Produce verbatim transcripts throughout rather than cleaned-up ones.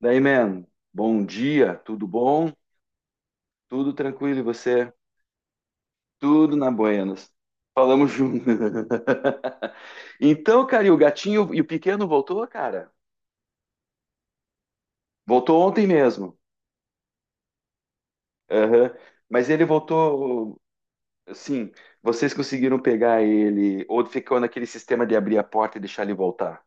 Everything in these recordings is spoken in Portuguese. Daí, man, bom dia, tudo bom? Tudo tranquilo e você? Tudo na Buenas. Falamos junto. Então, cara, e o gatinho e o pequeno voltou, cara? Voltou ontem mesmo. Aham. Mas ele voltou, assim, vocês conseguiram pegar ele ou ficou naquele sistema de abrir a porta e deixar ele voltar?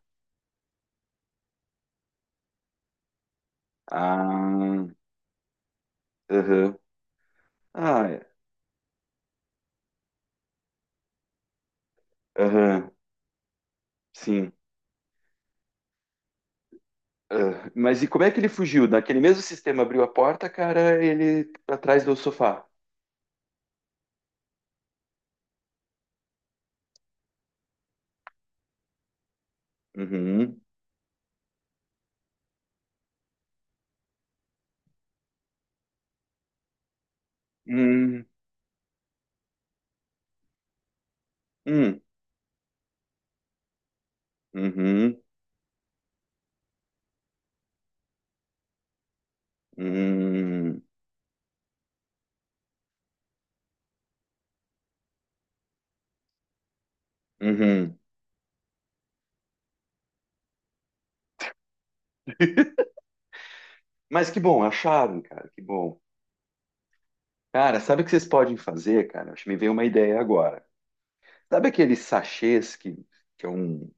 Ah, aham. Ah, é. Aham, sim. Ah, mas e como é que ele fugiu? Naquele mesmo sistema abriu a porta, cara, ele tá atrás do sofá. Uhum. Hum, hum, uhum, hum, uhum. Mas que bom, acharam, cara, que bom. Cara, sabe o que vocês podem fazer, cara? Acho que me veio uma ideia agora. Sabe aqueles sachês que, que é um,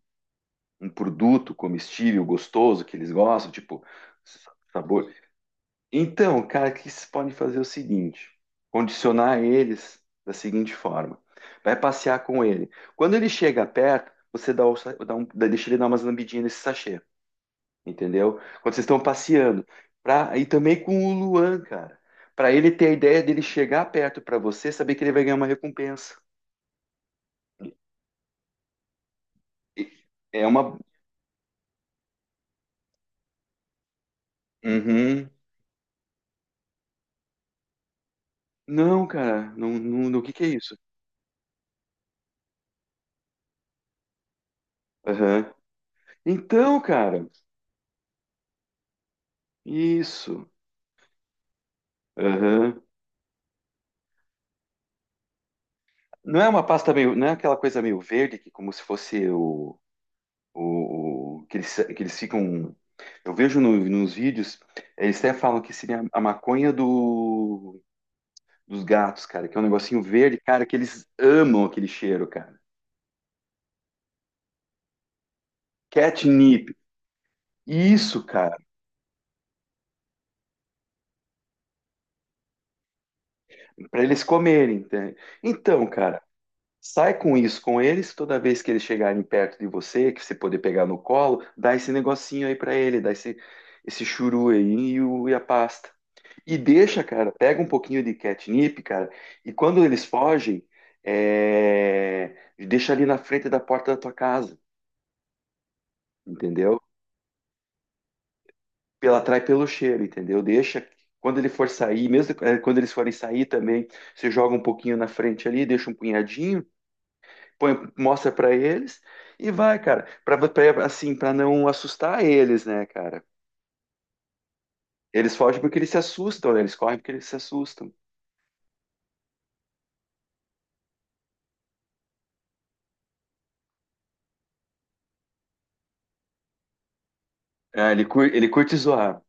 um produto comestível gostoso que eles gostam, tipo sa- sabor? Então, cara, o que vocês podem fazer é o seguinte: condicionar eles da seguinte forma. Vai passear com ele. Quando ele chega perto, você dá, o sa- dá um, deixa ele dar umas lambidinhas nesse sachê. Entendeu? Quando vocês estão passeando, pra, e também com o Luan, cara, para ele ter a ideia dele chegar perto para você, saber que ele vai ganhar uma recompensa. E- é uma. Uhum. Não, cara, não, não, não- o que que é isso? Aham. Então, cara, isso. Aham. Não é uma pasta meio, não é aquela coisa meio verde que como se fosse o, o, o- que eles, que eles ficam. Eu vejo no- nos vídeos, eles até falam que seria a maconha do dos gatos, cara, que é um negocinho verde, cara, que eles amam aquele cheiro, cara. Catnip. Isso, cara, para eles comerem, entende? Então, cara, sai com isso com eles, toda vez que eles chegarem perto de você, que você poder pegar no colo, dá esse negocinho aí para ele, dá esse esse churu aí e, o- e a pasta. E deixa, cara, pega um pouquinho de catnip, cara, e quando eles fogem, é, deixa ali na frente da porta da tua casa, entendeu? Pela atrai pelo cheiro, entendeu? Deixa quando ele for sair, mesmo eh, quando eles forem sair também, você joga um pouquinho na frente ali, deixa um punhadinho, põe, mostra pra eles e vai, cara, pra pra- assim, para não assustar eles, né, cara? Eles fogem porque eles se assustam, né? Eles correm porque eles se assustam. Ah, ele curte, ele curte zoar.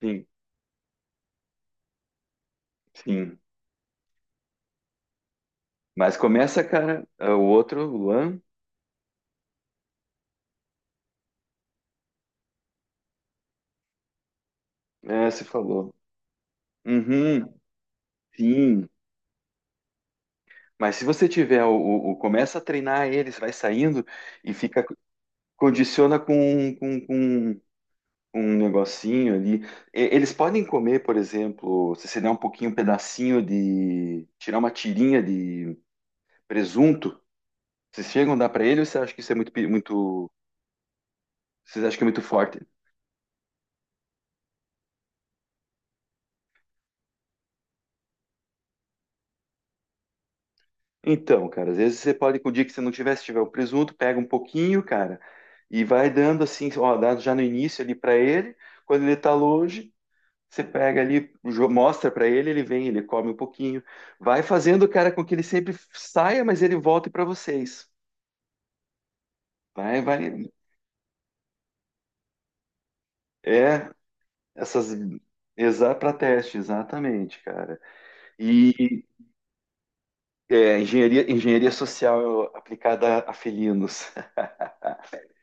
Sim, sim. Mas começa, cara, ah, o outro, o Luan, é, você falou. Uhum, sim. Mas se você tiver o, o- o- começa a treinar eles, vai saindo e fica condiciona com, com, com um negocinho ali. E- eles podem comer, por exemplo, se você der um pouquinho, um pedacinho de, tirar uma tirinha de presunto, vocês chegam a dar para ele ou você acha que isso é muito, pe- muito, vocês acham que é muito forte? Então, cara, às vezes você pode, com o dia que você não tiver, se tiver o presunto, pega um pouquinho, cara, e vai dando assim, ó, dá já no início ali para ele, quando ele tá longe. Você pega ali, jo- mostra para ele, ele vem, ele come um pouquinho, vai fazendo, o cara, com que ele sempre saia, mas ele volte para vocês. Vai, vai. É, essas. Exa para teste, exatamente, cara. E é, engenharia, engenharia social aplicada a felinos.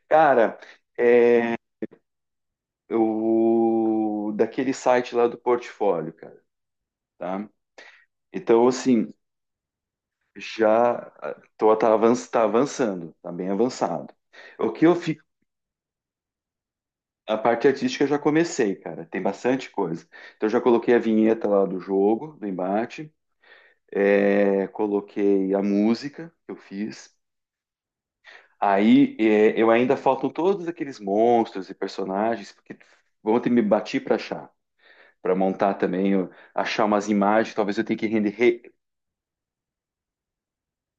Cara, o daquele site lá do portfólio, cara, tá? Então, assim, já tô, tá, avan- tá avançando, tá bem avançado. O que eu, fi- a parte artística eu já comecei, cara. Tem bastante coisa. Então eu já coloquei a vinheta lá do jogo, do embate. É, coloquei a música que eu fiz. Aí é, eu ainda faltam todos aqueles monstros e personagens porque vão ter que me bater para achar, para montar também, eu- achar umas imagens. Talvez eu tenha que render. Re-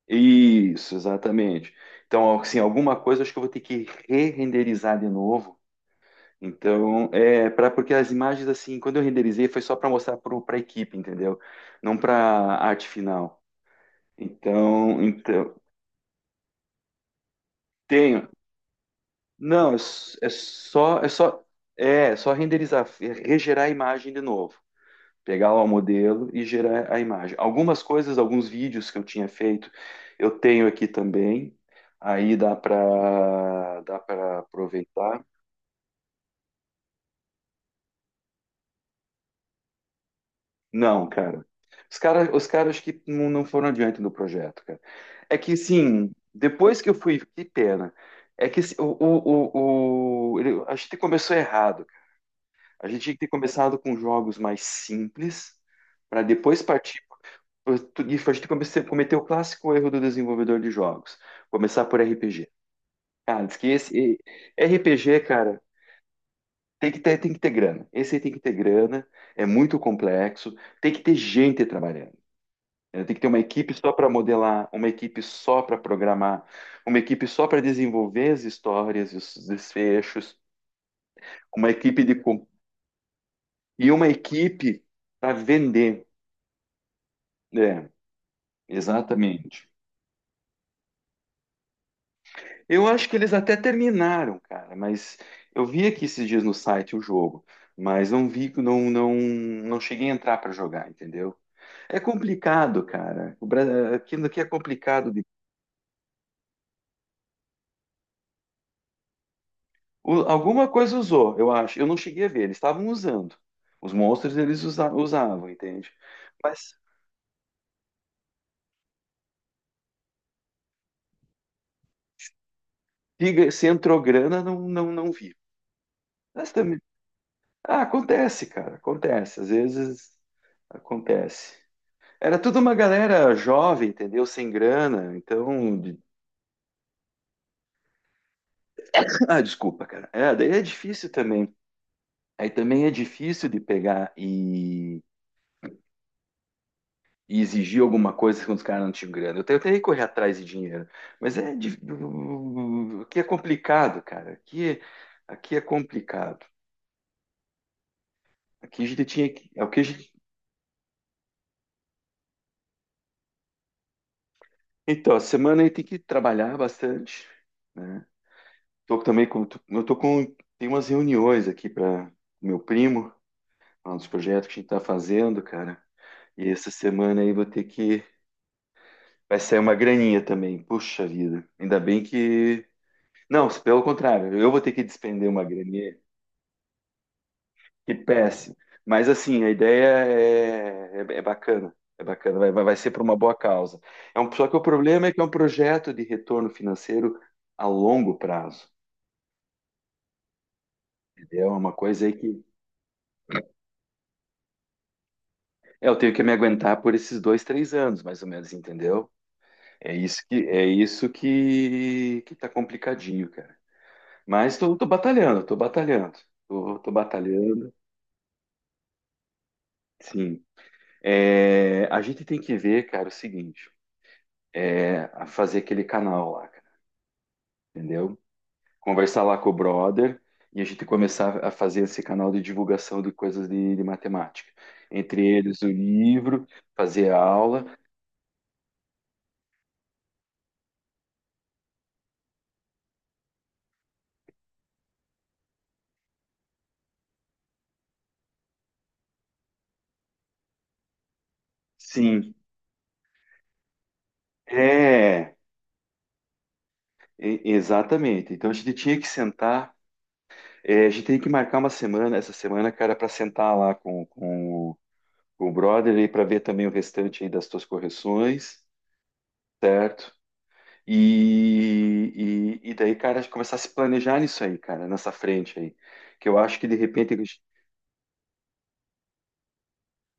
isso, exatamente. Então, assim, alguma coisa eu acho que eu vou ter que re-renderizar de novo. Então, é para porque as imagens assim, quando eu renderizei foi só para mostrar para a equipe, entendeu? Não para arte final. Então, então tenho. Não, é, s- é só é só é só renderizar, é regerar a imagem de novo. Pegar lá o modelo e gerar a imagem. Algumas coisas, alguns vídeos que eu tinha feito, eu tenho aqui também. Aí dá para dá para aproveitar. Não, cara. Os cara, os caras que não, não foram adiante no projeto, cara. É que, sim, depois que eu fui, que pena. É que assim, o, o, o, o- ele- a gente começou errado. A gente tinha que ter começado com jogos mais simples, para depois partir. E a gente comece- cometeu o clássico erro do desenvolvedor de jogos. Começar por R P G. Cara, diz que esse e- R P G, cara, tem que ter, tem que ter grana. Esse aí tem que ter grana, é muito complexo, tem que ter gente trabalhando. Ela tem que ter uma equipe só para modelar, uma equipe só para programar, uma equipe só para desenvolver as histórias e os desfechos, uma equipe de com- e uma equipe para vender. É, exatamente. Eu acho que eles até terminaram, cara, mas eu vi aqui esses dias no site o jogo, mas não vi, não, não, não cheguei a entrar para jogar, entendeu? É complicado, cara. O Bra- aquilo aqui é complicado. O- alguma coisa usou, eu acho. Eu não cheguei a ver, eles estavam usando. Os monstros eles usa- usavam, entende? Mas diga, se entrou grana, não, não, não vi. Mas também. Ah, acontece, cara, acontece. Às vezes acontece. Era tudo uma galera jovem, entendeu? Sem grana, então. De- ah, desculpa, cara. É, daí é difícil também. Aí também é difícil de pegar e e exigir alguma coisa quando os caras não tinham grana. Eu tenho que correr atrás de dinheiro. Mas é. Dif- aqui é complicado, cara. Aqui, aqui é complicado. Aqui a gente tinha que. É o que a gente- então, a semana aí tem que trabalhar bastante, né? Tô também com. Tô- eu tô com. Tem umas reuniões aqui para meu primo, um dos projetos que a gente tá fazendo, cara. E essa semana aí vou ter que. Vai sair uma graninha também. Puxa vida. Ainda bem que. Não, pelo contrário, eu vou ter que despender uma graninha. Que péssimo. Mas assim, a ideia é, é, é bacana, é bacana, vai, vai vai ser para uma boa causa. É um, só que o problema é que é um projeto de retorno financeiro a longo prazo, entendeu? É uma coisa aí que é, eu tenho que me aguentar por esses dois, três anos, mais ou menos, entendeu? É isso que é isso que que tá complicadinho, cara. Mas tô, tô batalhando, tô batalhando, tô, tô batalhando. Sim, é, a gente tem que ver, cara, o seguinte, é a fazer aquele canal lá, cara, entendeu? Conversar lá com o brother e a gente começar a fazer esse canal de divulgação de coisas de, de matemática. Entre eles o livro, fazer a aula. Sim, é, e- exatamente. Então a gente tinha que sentar, é, a gente tem que marcar uma semana, essa semana, cara, para sentar lá com, com, o- com o brother e para ver também o restante aí das tuas correções, certo? E, e, e daí, cara, começar a se planejar nisso aí, cara, nessa frente aí. Que eu acho que de repente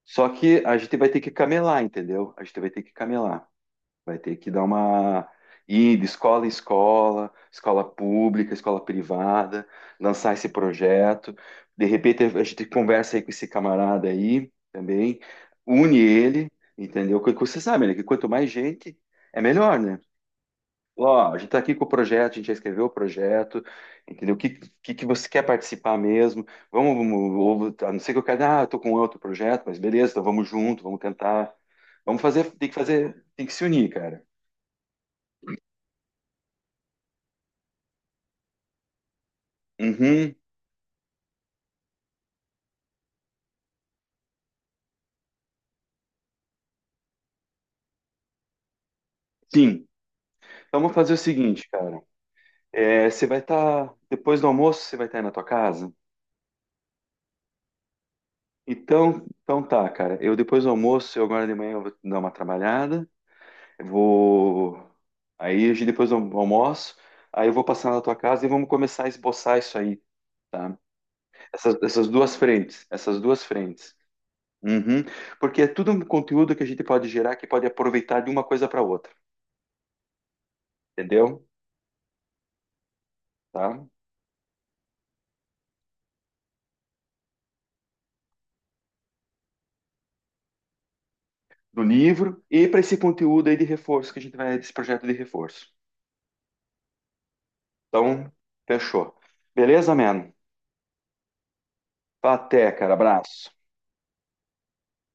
só que a gente vai ter que camelar, entendeu? A gente vai ter que camelar. Vai ter que dar uma ir de escola em escola, escola pública, escola privada, lançar esse projeto. De repente a gente conversa aí com esse camarada aí também, une ele, entendeu? Porque você sabe, né, que quanto mais gente, é melhor, né? Ó, a gente está aqui com o projeto, a gente já escreveu o projeto, entendeu? O que, que, que você quer participar mesmo? Vamos, vamos- ou- a não ser que eu quero, ah, eu tô com outro projeto, mas beleza, então vamos junto, vamos tentar. Vamos fazer, tem que fazer, tem que se unir, cara. Uhum, sim. Então, vamos fazer o seguinte, cara. É, você vai estar, depois do almoço, você vai estar aí na tua casa? Então, então tá, cara. Eu depois do almoço, eu agora de manhã eu vou dar uma trabalhada. Eu vou. Aí a gente depois eu almoço, aí eu vou passar na tua casa e vamos começar a esboçar isso aí, tá? Essas, essas duas frentes, essas duas frentes. Uhum. Porque é tudo um conteúdo que a gente pode gerar que pode aproveitar de uma coisa para outra, entendeu? Tá? Do livro e para esse conteúdo aí de reforço que a gente vai, desse projeto de reforço. Então, fechou. Beleza, mano? Até, cara. Abraço.